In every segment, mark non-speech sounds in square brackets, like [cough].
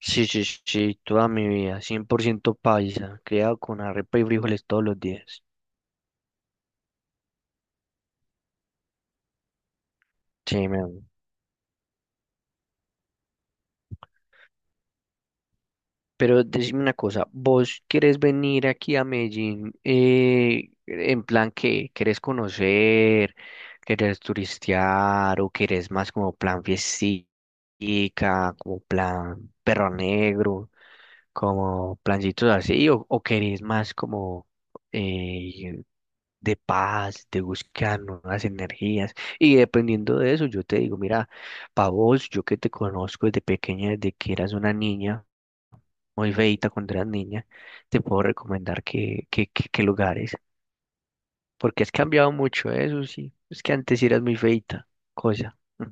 Sí, sí, sí, sí, toda mi vida, 100% paisa, criado con arepa y frijoles todos los días. Sí, me pero decime una cosa, ¿vos querés venir aquí a Medellín en plan que querés conocer, querés turistear o querés más como plan fiestica, como plan perro negro, como plancitos así o querés más como eh, de paz, de buscar nuevas energías? Y dependiendo de eso, yo te digo, mira, para vos, yo que te conozco desde pequeña, desde que eras una niña muy feita cuando eras niña, te puedo recomendar que lugares, porque has cambiado mucho, ¿eh? Eso sí. Es que antes sí eras muy feita, cosa. Mm.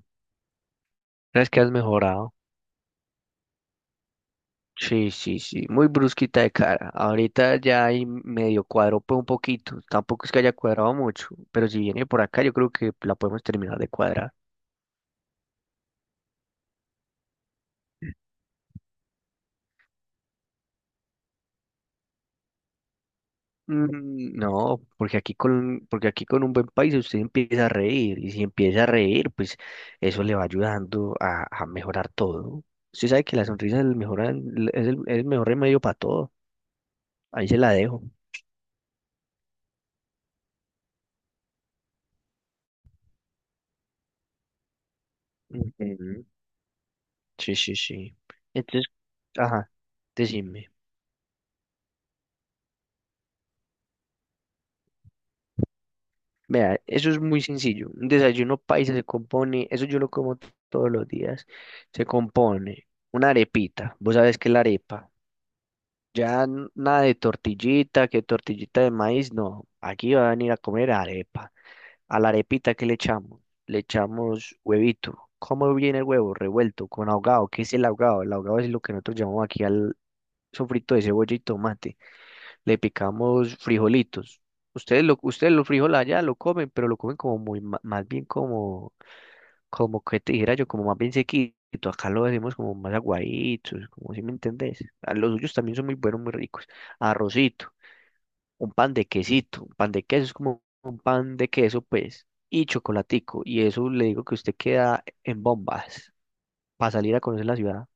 Sabes que has mejorado. Sí, sí, sí, muy brusquita de cara. Ahorita ya hay medio cuadro, pues un poquito. Tampoco es que haya cuadrado mucho, pero si viene por acá, yo creo que la podemos terminar de cuadrar. No, porque aquí con un buen país usted empieza a reír y si empieza a reír, pues eso le va ayudando a mejorar todo. Usted sabe que la sonrisa es el mejor, es es el mejor remedio para todo. Ahí se la dejo. Ujú. Sí, sí, sí. Entonces, ajá, decime. Vea, eso es muy sencillo. Un desayuno paisa se compone, eso yo lo como todos los días. Se compone una arepita. ¿Vos sabés qué es la arepa? Ya nada de tortillita, que tortillita de maíz, no. Aquí van a venir a comer arepa. A la arepita, ¿qué le echamos? Le echamos huevito. ¿Cómo viene el huevo? Revuelto, con ahogado. ¿Qué es el ahogado? El ahogado es lo que nosotros llamamos aquí al sofrito de cebolla y tomate. Le picamos frijolitos. Ustedes los frijoles allá lo comen, pero lo comen como muy, más bien como que te dijera yo, como más bien sequito, acá lo decimos como más aguaditos, como si me entendés. Ah, los suyos también son muy buenos, muy ricos. Arrocito, un pan de quesito, un pan de queso es como un pan de queso, pues, y chocolatico. Y eso le digo que usted queda en bombas para salir a conocer la ciudad.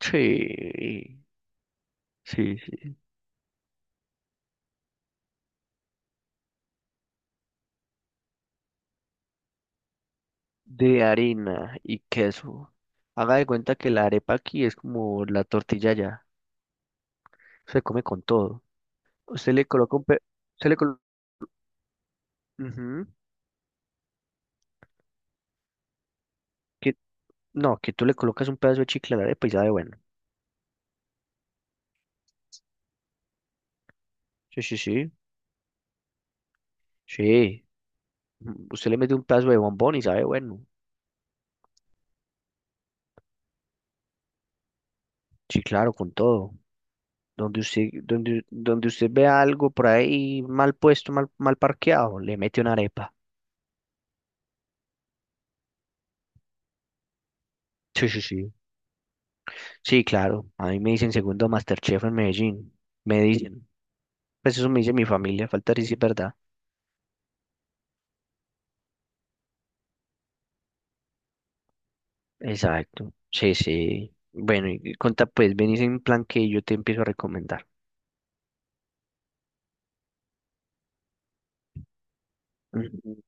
Sí, sí, sí. De harina y queso. Haga de cuenta que la arepa aquí es como la tortilla allá. Se come con todo. Usted le coloca un pe... Se le coloca... No, que tú le colocas un pedazo de chicle a la arepa y sabe bueno. Sí, sí, sí. Sí. Usted le mete un pedazo de bombón y sabe bueno. Sí, claro, con todo. Donde usted vea algo por ahí mal puesto, mal parqueado, le mete una arepa. Sí, sí, sí. Sí, claro. A mí me dicen segundo MasterChef en Medellín. Me dicen. Pues eso me dice mi familia, falta decir si es verdad. Exacto. Sí, sí. Bueno, y conta pues, venís en plan que yo te empiezo a recomendar. Ujú.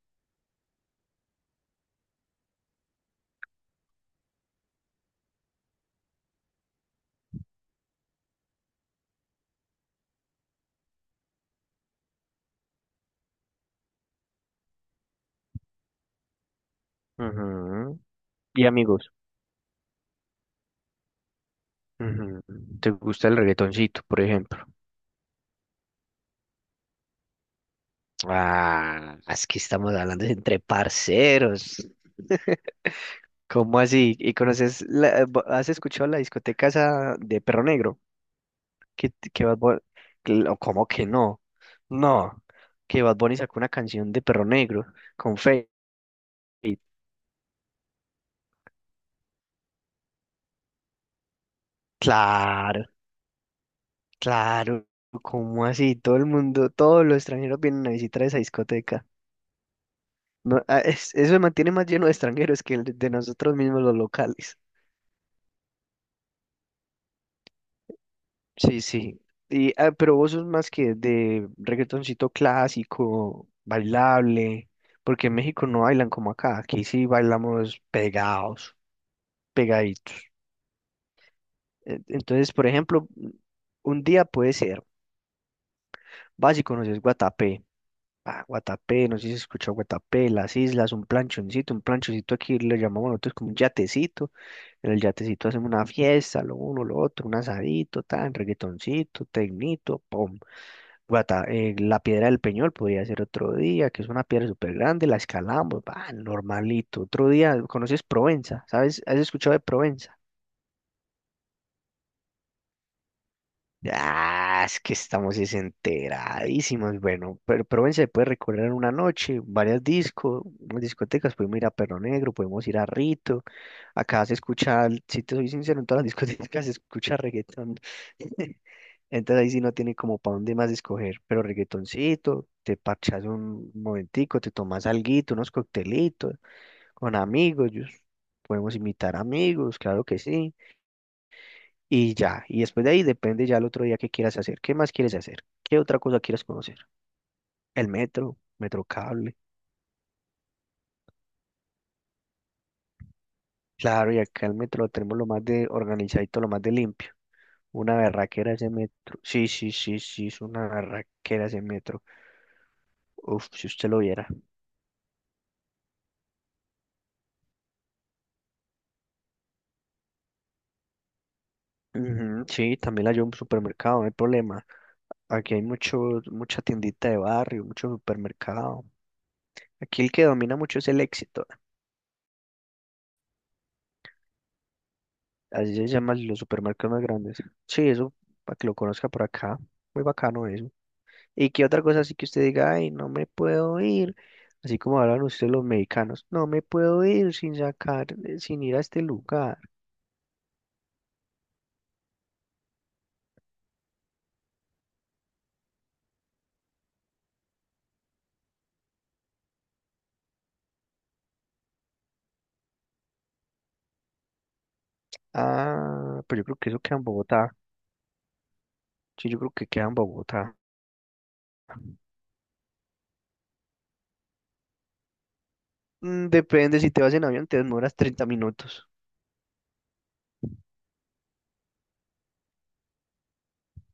Ujú. Y amigos. Ujú. ¿Te gusta el reggaetoncito, por ejemplo? Ah, es que estamos hablando de entre parceros. ¿Cómo así? ¿Y conoces, has escuchado la discoteca esa de Perro Negro? ¿Qué, qué Bad Bu- que lo- ¿Cómo que no? No, que Bad Bunny sacó una canción de Perro Negro con Feid. Claro, claro, ¿cómo así? Todo el mundo, todos los extranjeros vienen a visitar esa discoteca. No, ah, eso se mantiene más lleno de extranjeros que el de nosotros mismos los locales. Sí, sí. Y, ah, pero vos sos más que de reggaetoncito clásico, bailable, porque en México no bailan como acá, aquí sí bailamos pegados, pegaditos. Entonces, por ejemplo, un día puede ser, vas y conoces Guatapé, ah, Guatapé, no sé si se escuchó Guatapé, las islas, un planchoncito aquí le llamamos nosotros como un yatecito, en el yatecito hacemos una fiesta, lo uno, lo otro, un asadito, tan, reggaetoncito, tecnito, pum. La piedra del Peñol podría ser otro día, que es una piedra súper grande, la escalamos, va, normalito. Otro día, ¿conoces Provenza? ¿Sabes? ¿Has escuchado de Provenza? Ah, es que estamos desenteradísimos. Bueno, pero ven, se puede recorrer una noche, discotecas, podemos ir a Perro Negro, podemos ir a Rito. Acá se escucha, si te soy sincero, en todas las [laughs] discotecas se escucha reggaetón. [laughs] Entonces ahí sí no tiene como para dónde más escoger, pero reggaetoncito, te parchas un momentico, te tomas alguito, unos coctelitos con amigos, podemos invitar amigos, claro que sí y ya. Y después de ahí depende ya el otro día qué quieras hacer. ¿Qué más quieres hacer? ¿Qué otra cosa quieres conocer? El metro, metro cable. Claro, y acá el metro lo tenemos lo más de organizadito, lo más de limpio. Una berraquera ese metro. Sí, sí, sí, sí, es una berraquera ese metro. Uf, si usted lo viera. Ujú, sí, también la llevo a un supermercado, no hay problema. Aquí hay mucho, mucha tiendita de barrio, mucho supermercado. Aquí el que domina mucho es el Éxito. Así se llaman los supermercados más grandes. Sí, eso, para que lo conozca por acá. Muy bacano eso. ¿Y qué otra cosa así que usted diga, ay, no me puedo ir? Así como hablan ustedes los mexicanos, no me puedo ir sin sacar, sin ir a este lugar. Ah, pero yo creo que eso queda en Bogotá. Sí, yo creo que queda en Bogotá. Depende, si te vas en avión te demoras 30 minutos.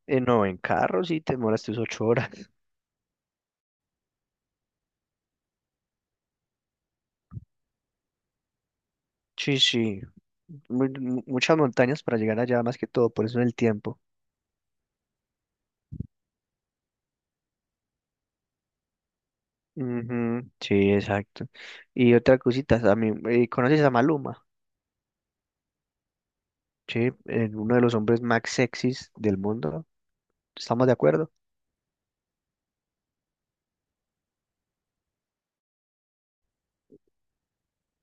No, en carro sí te demoras tus 8 horas. Sí, sí. Muchas montañas para llegar allá, más que todo, por eso el tiempo. Ujú, sí, exacto. Y otra cosita, a mí, ¿conoces a Maluma? Sí, uno de los hombres más sexys del mundo. ¿Estamos de acuerdo?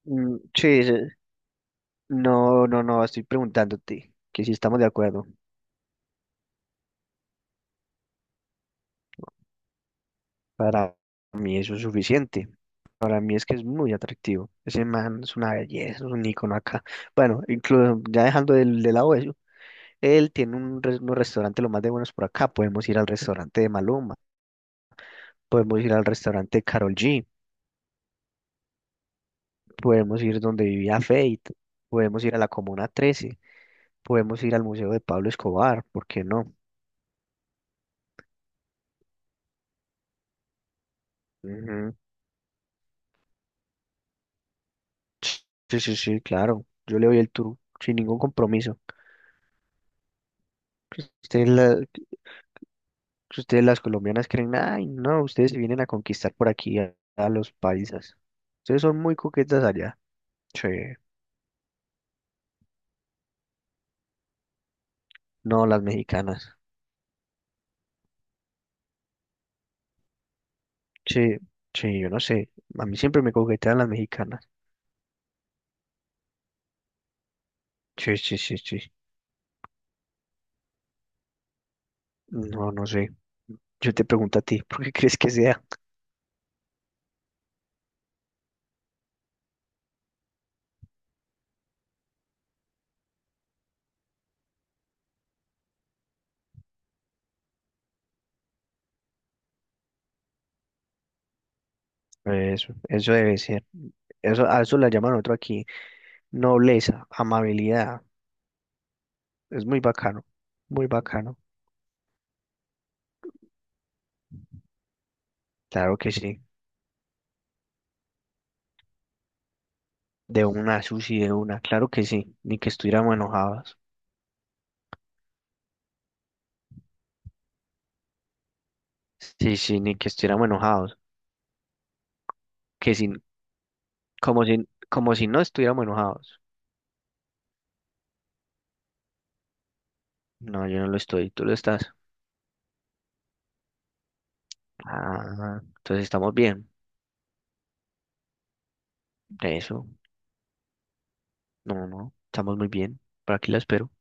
Mm, sí, sí. No, no, no, estoy preguntándote que si estamos de acuerdo. Para mí eso es suficiente. Para mí es que es muy atractivo. Ese man es una belleza, es un ícono acá. Bueno, incluso ya dejando de lado eso, él tiene un restaurante lo más de buenos por acá. Podemos ir al restaurante de Maluma, podemos ir al restaurante de Karol G. Podemos ir donde vivía Fate, podemos ir a la Comuna 13, podemos ir al Museo de Pablo Escobar, ¿por qué no? Ujú. Sí, sí, sí, claro. Yo le doy el tour sin ningún compromiso. Ustedes, ustedes las colombianas creen, ay, no, ustedes vienen a conquistar por aquí a los paisas. Ustedes son muy coquetas allá. Sí, no, las mexicanas. Sí, sí, yo no sé. A mí siempre me coquetean las mexicanas. Sí, sí, sí, sí. No, no sé. Yo te pregunto a ti, [laughs] ¿por qué crees que sea? Eso debe ser. Eso, a eso la llaman otro aquí. Nobleza, amabilidad. Es muy bacano, muy bacano. Claro que sí. De una, Susi, de una. Claro que sí. Ni que estuviéramos enojados. Sí, sí, ni que estuviéramos enojados. Que sin, como si no estuviéramos enojados. No, yo no lo estoy, tú lo estás. Ah, entonces estamos bien. Eso. No, no, estamos muy bien. Por aquí la espero.